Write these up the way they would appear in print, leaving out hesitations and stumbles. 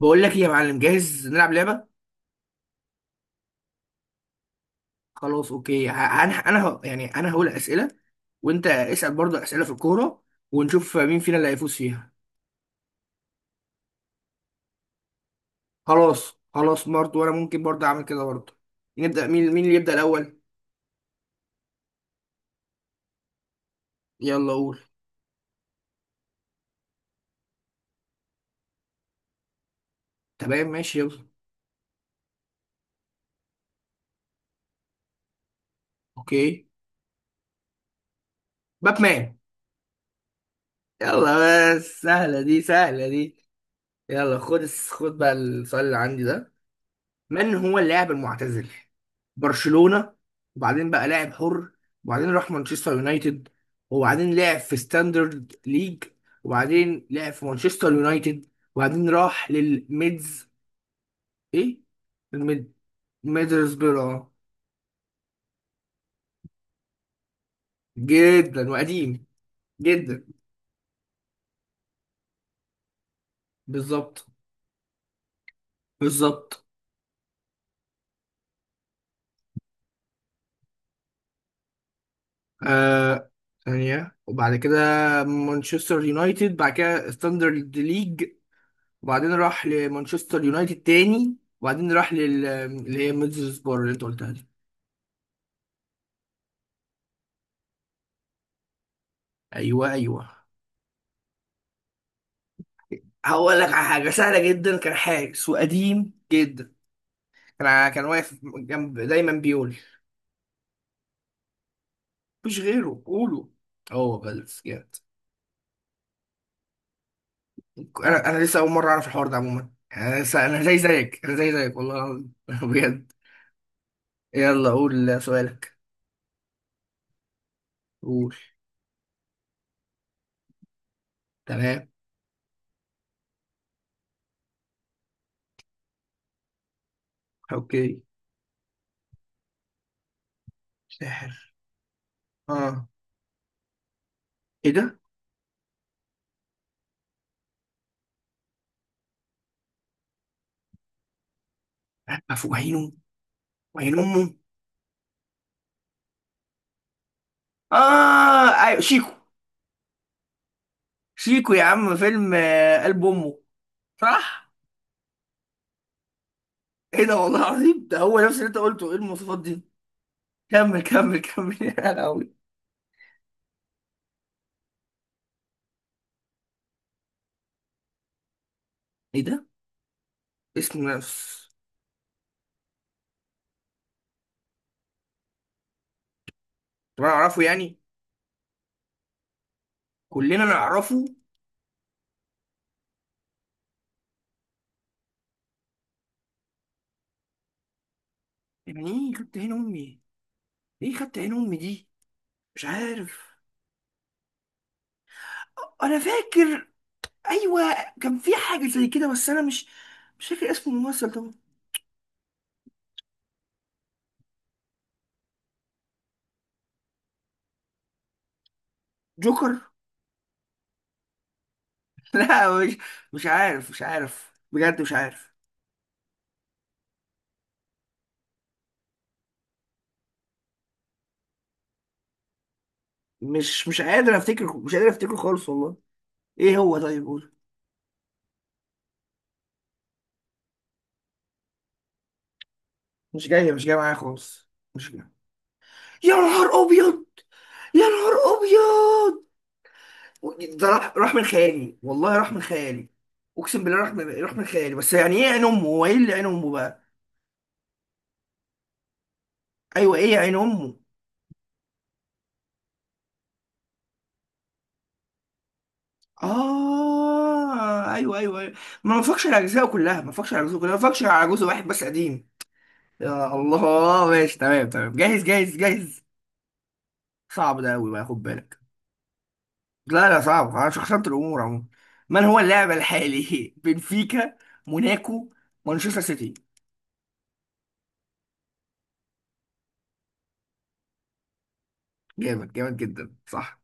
بقول لك ايه يا معلم، جاهز نلعب لعبه؟ خلاص، اوكي. انا يعني انا هقول اسئله، وانت اسال برضه اسئله في الكوره، ونشوف مين فينا اللي هيفوز فيها. خلاص خلاص، برضه وانا ممكن برضه اعمل كده برضه. نبدا، مين اللي يبدا الاول؟ يلا قول. تمام ماشي يلا. اوكي. باتمان. يلا، بس سهله دي، سهله دي. يلا خد بقى السؤال اللي عندي ده. من هو اللاعب المعتزل برشلونة، وبعدين بقى لاعب حر، وبعدين راح مانشستر يونايتد، وبعدين لعب في ستاندرد ليج، وبعدين لعب في مانشستر يونايتد، وبعدين راح للميدز؟ ايه الميد ميدلسبرا آه. جدا وقديم جدا. بالظبط. بالظبط. آه، ثانية وبعد كده مانشستر يونايتد، بعد كده ستاندرد ليج، وبعدين راح لمانشستر يونايتد تاني، وبعدين راح اللي هي ميدلسبرا اللي انت قلتها دي. ايوه ايوه. هقول لك على حاجه سهله جدا، كان حارس وقديم جدا، كان واقف جنب دايما بيقول، مفيش غيره قوله. هو بلف جامد. انا لسه اول مره اعرف الحوار ده عموما. انا لسه انا زي زيك، انا زي زيك، والله العظيم. بجد. يلا قول سؤالك. قول. تمام. اوكي. ساحر. اه، ايه ده؟ افوق عينه، وعين امه. اه، ايوه، شيكو. شيكو يا عم، فيلم قلب امه. صح. ايه ده، والله العظيم، ده هو نفس اللي انت قلته، ايه المواصفات دي؟ كمل كمل كمل، يا لهوي. ايه ده؟ اسم نفس. طب انا اعرفه يعني. كلنا نعرفه. يعني ايه خدت عين امي؟ ايه خدت عين امي دي؟ مش عارف. انا فاكر. ايوه. كان في حاجه زي كده، بس انا مش فاكر اسم الممثل طبعا. جوكر. لا، مش عارف، مش عارف بجد، مش عارف. مش قادر افتكره، مش قادر افتكره خالص والله. ايه هو؟ طيب قول. مش جاي، مش جاي معايا خالص. مش جاي. يا نهار ابيض. يا نهار ابيض. ده راح من خيالي، والله راح من خيالي. اقسم بالله راح من خيالي، بس يعني ايه عين امه؟ هو ايه اللي عين امه بقى؟ ايوه، ايه عين امه؟ اه، ايوه ايوه ايوه. ما بفكش على اجزائه كلها، ما بفكش على اجزائه كلها، ما بفكش على جزء واحد بس قديم. يا الله ماشي، تمام تمام، جاهز جاهز جاهز. صعب ده قوي بقى، خد بالك. لا لا، صعب، انا شخصنت الامور عموما. من هو اللاعب الحالي؟ بنفيكا، موناكو، مانشستر سيتي. جامد، جامد جدا. صح.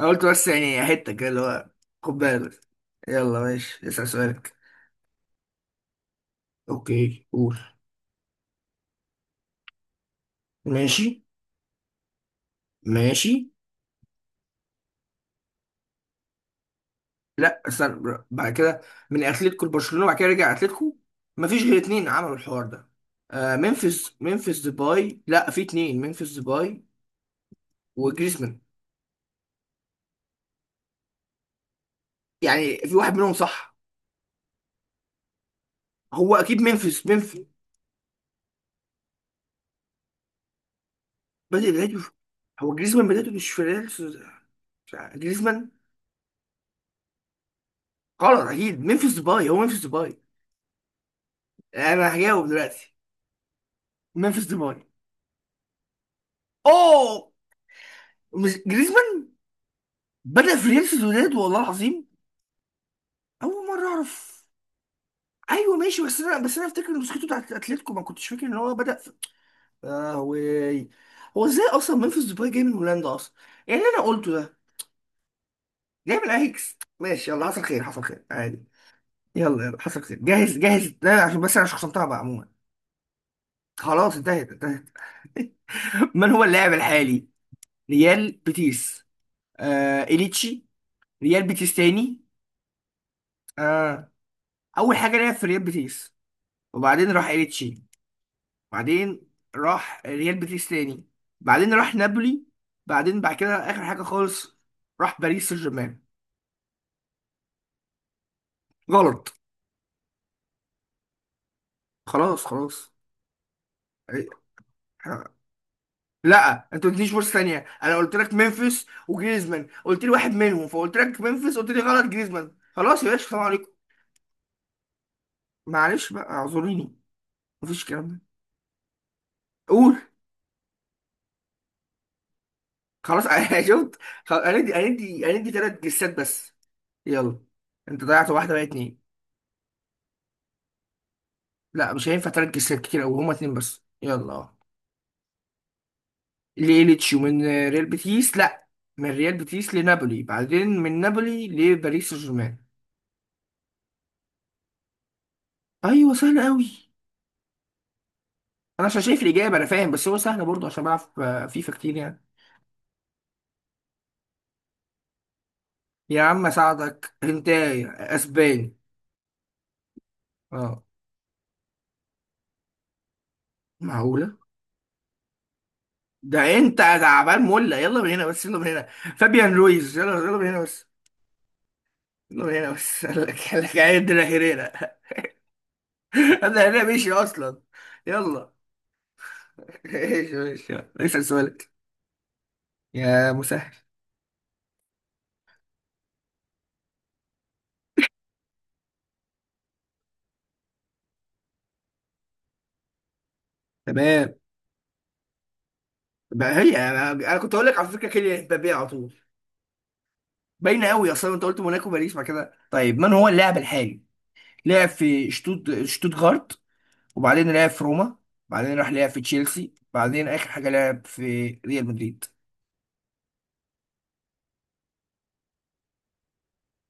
أنا قلت بس يعني حتة كده اللي هو، خد بالك. يلا ماشي، اسأل سؤالك. اوكي قول. ماشي. ماشي. لا استنى، بعد كده من اتلتيكو لبرشلونة، بعد كده رجع اتلتيكو. مفيش غير اتنين عملوا الحوار ده. آه، ممفيس ديباي. لا، في اتنين، ممفيس ديباي وجريزمان. يعني في واحد منهم، صح؟ هو اكيد ممفيس، ممفيس. بدأ بدايته في- هو جريزمان بدايته مش في ريال سوس- جريزمان. غلط، اكيد ممفيس ديباي، هو ممفيس ديباي. انا هجاوب دلوقتي. منفس ديباي. اوه. مش جريزمان. بدأ في ريال سوسيداد، والله العظيم، اول مرة اعرف. ايوه ماشي، بس انا افتكر ان مسكته بتاعت اتلتيكو، ما كنتش فاكر ان هو بدأ في. اه، وي. هو ازاي اصلا منفس ديباي جاي من هولندا اصلا؟ يعني اللي انا قلته ده، جاي من اياكس. ماشي يلا، حصل خير، حصل خير عادي. يلا يلا، حصل خير. جاهز جاهز، لا عشان بس انا شخصنتها بقى عموما. خلاص، انتهت انتهت. من هو اللاعب الحالي؟ ريال بيتيس. آه، اليتشي. ريال بيتيس تاني. آه، اول حاجه لعب في ريال بيتيس، وبعدين راح إيريتشي، بعدين راح ريال بيتيس تاني، بعدين راح نابولي، بعدين بعد كده اخر حاجه خالص راح باريس سان جيرمان. غلط. خلاص خلاص. لا، انت ما قلتليش فرصه ثانيه، انا قلت لك ممفيس وجريزمان، قلت لي واحد منهم، فقلت لك ممفيس، قلت لي غلط جريزمان. خلاص يا باشا، السلام عليكم. معلش بقى، اعذريني. مفيش الكلام ده. قول. خلاص، انا شفت. خلاص، هندي هندي هندي، ثلاث جسات بس. يلا. انت ضيعت واحده بقى، اتنين. لا مش هينفع تركز كتير قوي، هما اتنين بس، يلا. لإيليتش ومن ريال بيتيس، لا، من ريال بيتيس لنابولي، بعدين من نابولي لباريس سان جيرمان. ايوه، سهل قوي. انا عشان شايف الاجابه انا فاهم، بس هو سهل برضه عشان بلعب فيفا كتير يعني. يا عم اساعدك انت، اسباني. اه. معقوله. ده انت تعبان مولع، يلا من هنا بس، يلا من هنا. فابيان رويز، يلا يلا من هنا بس. يلا من هنا بس. قال لك، قال لك عندنا هيريرا. هذا هيريرا مشي اصلا. يلا. ايش ايش. اسال سؤالك. يا مسهل. تمام. بقى هي انا كنت اقول لك على فكره كيليان امبابي على طول. باينه قوي اصلا، انت قلت موناكو باريس بعد كده. طيب، من هو اللاعب الحالي؟ لعب في شتوتغارت، وبعدين لعب في روما، بعدين راح لعب في تشيلسي، بعدين اخر حاجه لعب في ريال مدريد.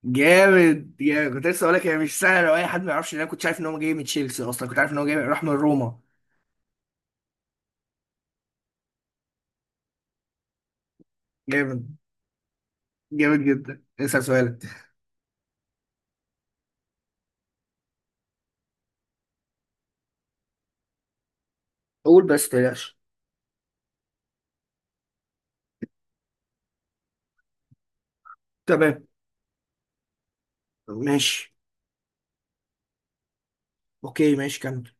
جامد، يا كنت لسه اقول لك هي مش سهله، لو اي حد ما يعرفش إن انا كنت عارف ان هو جاي من تشيلسي، اصلا كنت عارف ان هو جاي راح من روما. جامد، جامد جدا. اسال سؤالك. قول بس تلاش. تمام. ماشي. اوكي ماشي كمل.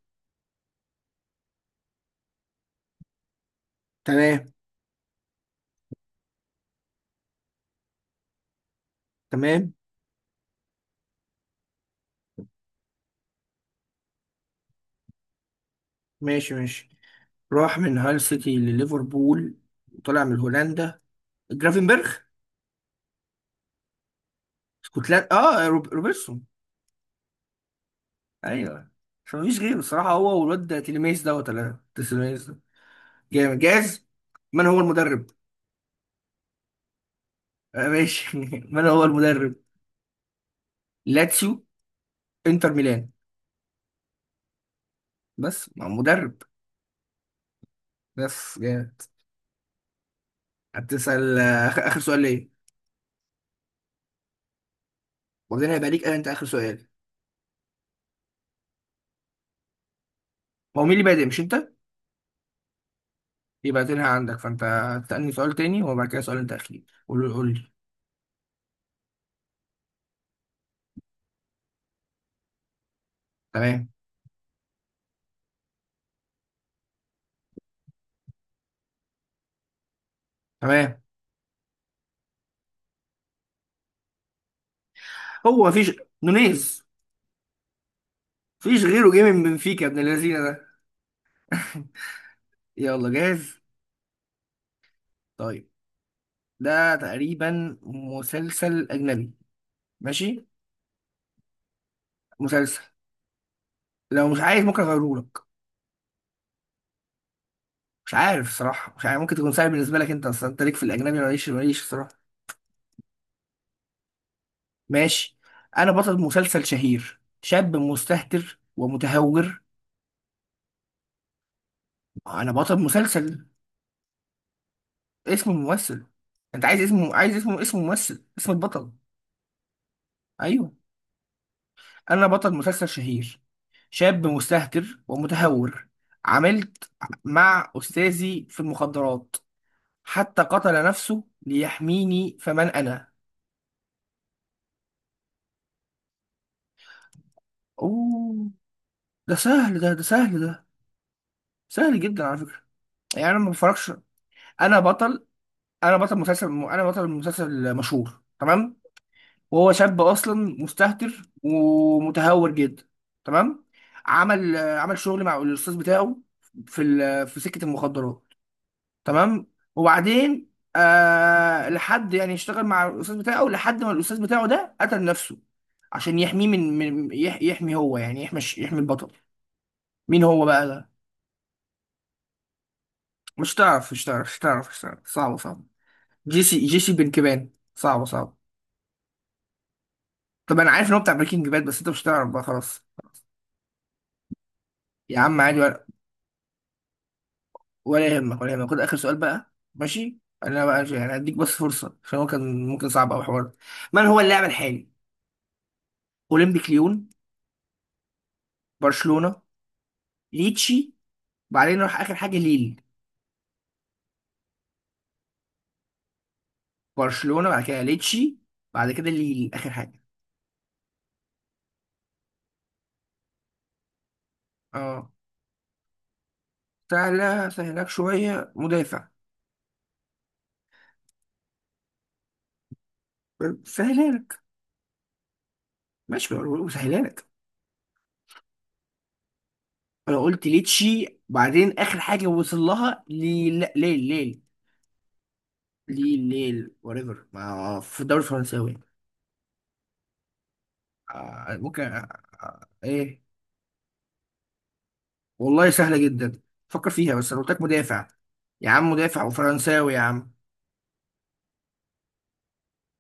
تمام. تمام ماشي ماشي. راح من هال سيتي لليفربول، وطلع من هولندا، جرافنبرخ. اسكتلندا، اه، روبرتسون. ايوه، عشان مفيش غيره الصراحه، هو والواد ده تيليميز دوت ولا تيليميز ده. جامد، جاهز. من هو المدرب؟ آه ماشي، من هو المدرب؟ لاتسيو، انتر ميلان. بس مع مدرب، بس جامد. هتسأل آخر سؤال ليه. وبعدين هيبقى ليك أنا، انت آخر سؤال. هو مين اللي بادئ، مش انت؟ يبقى تلها عندك، فانت هتسألني سؤال تاني وبعد كده سؤال انت اخير، قول لي قول لي. تمام. تمام. هو مفيش، نونيز. مفيش غيره جه من بنفيكا، يا ابن اللذينه ده. يلا جاهز. طيب، ده تقريبا مسلسل اجنبي. ماشي. مسلسل. لو مش عايز ممكن اغيره لك. مش عارف صراحه، مش عارف، ممكن تكون سهل بالنسبه لك، انت اصلا انت ليك في الاجنبي ولا ماليش، ماليش صراحه. ماشي. انا بطل مسلسل شهير، شاب مستهتر ومتهور. انا بطل مسلسل. اسم الممثل؟ انت عايز اسمه، عايز اسمه، اسم ممثل، اسم البطل. ايوه. انا بطل مسلسل شهير، شاب مستهتر ومتهور. عملت مع استاذي في المخدرات، حتى قتل نفسه ليحميني، فمن انا؟ اوه. ده سهل ده، ده سهل ده. سهل جدا على فكرة. يعني انا ما بفرجش. انا بطل، انا بطل مسلسل، انا بطل مسلسل مشهور، تمام. وهو شاب اصلا مستهتر ومتهور جدا، تمام. عمل شغل مع الاستاذ بتاعه في سكه المخدرات، تمام. وبعدين آه لحد يعني اشتغل مع الاستاذ بتاعه لحد ما الاستاذ بتاعه ده قتل نفسه، عشان يحميه من يحمي، هو يعني يحمي يحمي البطل. مين هو بقى ده؟ مش تعرف، مش تعرف، مش تعرف، مش تعرف، صعبه صعبه. جيسي بن كيبان، صعبه صعبه. طب انا عارف ان هو بتاع بريكنج باد، بس انت مش هتعرف بقى، خلاص. يا عم عادي، ولا يهمك، ولا يهمك، خد اخر سؤال بقى ماشي، انا بقى يعني هديك بس فرصه عشان هو كان ممكن صعب او حوار. من هو اللاعب الحالي؟ اولمبيك ليون، برشلونه، ليتشي، بعدين نروح اخر حاجه ليل. برشلونه، بعد كده ليتشي، بعد كده ليل اخر حاجه. اه، سهله، سهلك شويه، مدافع. سهلها لك. ماشي. سهلها لك. انا قلت ليتشي بعدين اخر حاجه وصل لها ليل. لا، ليل ليل. ليل ليل وريفر ما في الدوري الفرنساوي. ممكن. ايه. والله سهلة جدا، فكر فيها، بس انا قلت لك مدافع. يا عم مدافع وفرنساوي، يا عم.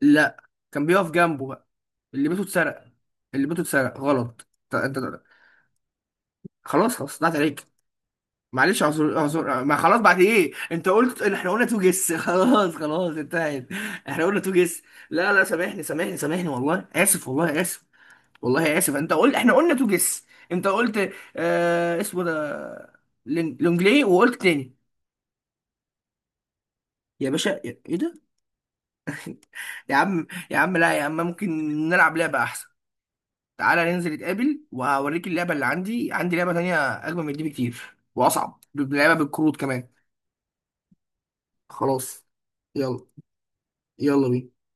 لا، كان بيقف جنبه بقى، اللي بيته اتسرق. اللي بيته اتسرق. غلط انت. خلاص خلاص، طلعت عليك. معلش، اعذر اعذر، ما خلاص بعد ايه، انت قلت احنا قلنا تو جس. خلاص خلاص، انتهت. احنا قلنا تو جس. لا لا، سامحني سامحني سامحني، والله اسف، والله اسف، والله اسف، انت قلت احنا قلنا تو جس. انت قلت اسمه ده لونجلي، وقلت تاني. يا باشا، ايه ده؟ يا عم، يا عم، لا يا عم ممكن نلعب لعبة احسن. تعالى ننزل نتقابل وهوريك اللعبة اللي عندي، عندي لعبة تانية اجمل من دي بكتير، واصعب لعبة بالكروت كمان. خلاص. يلا. يلا بينا.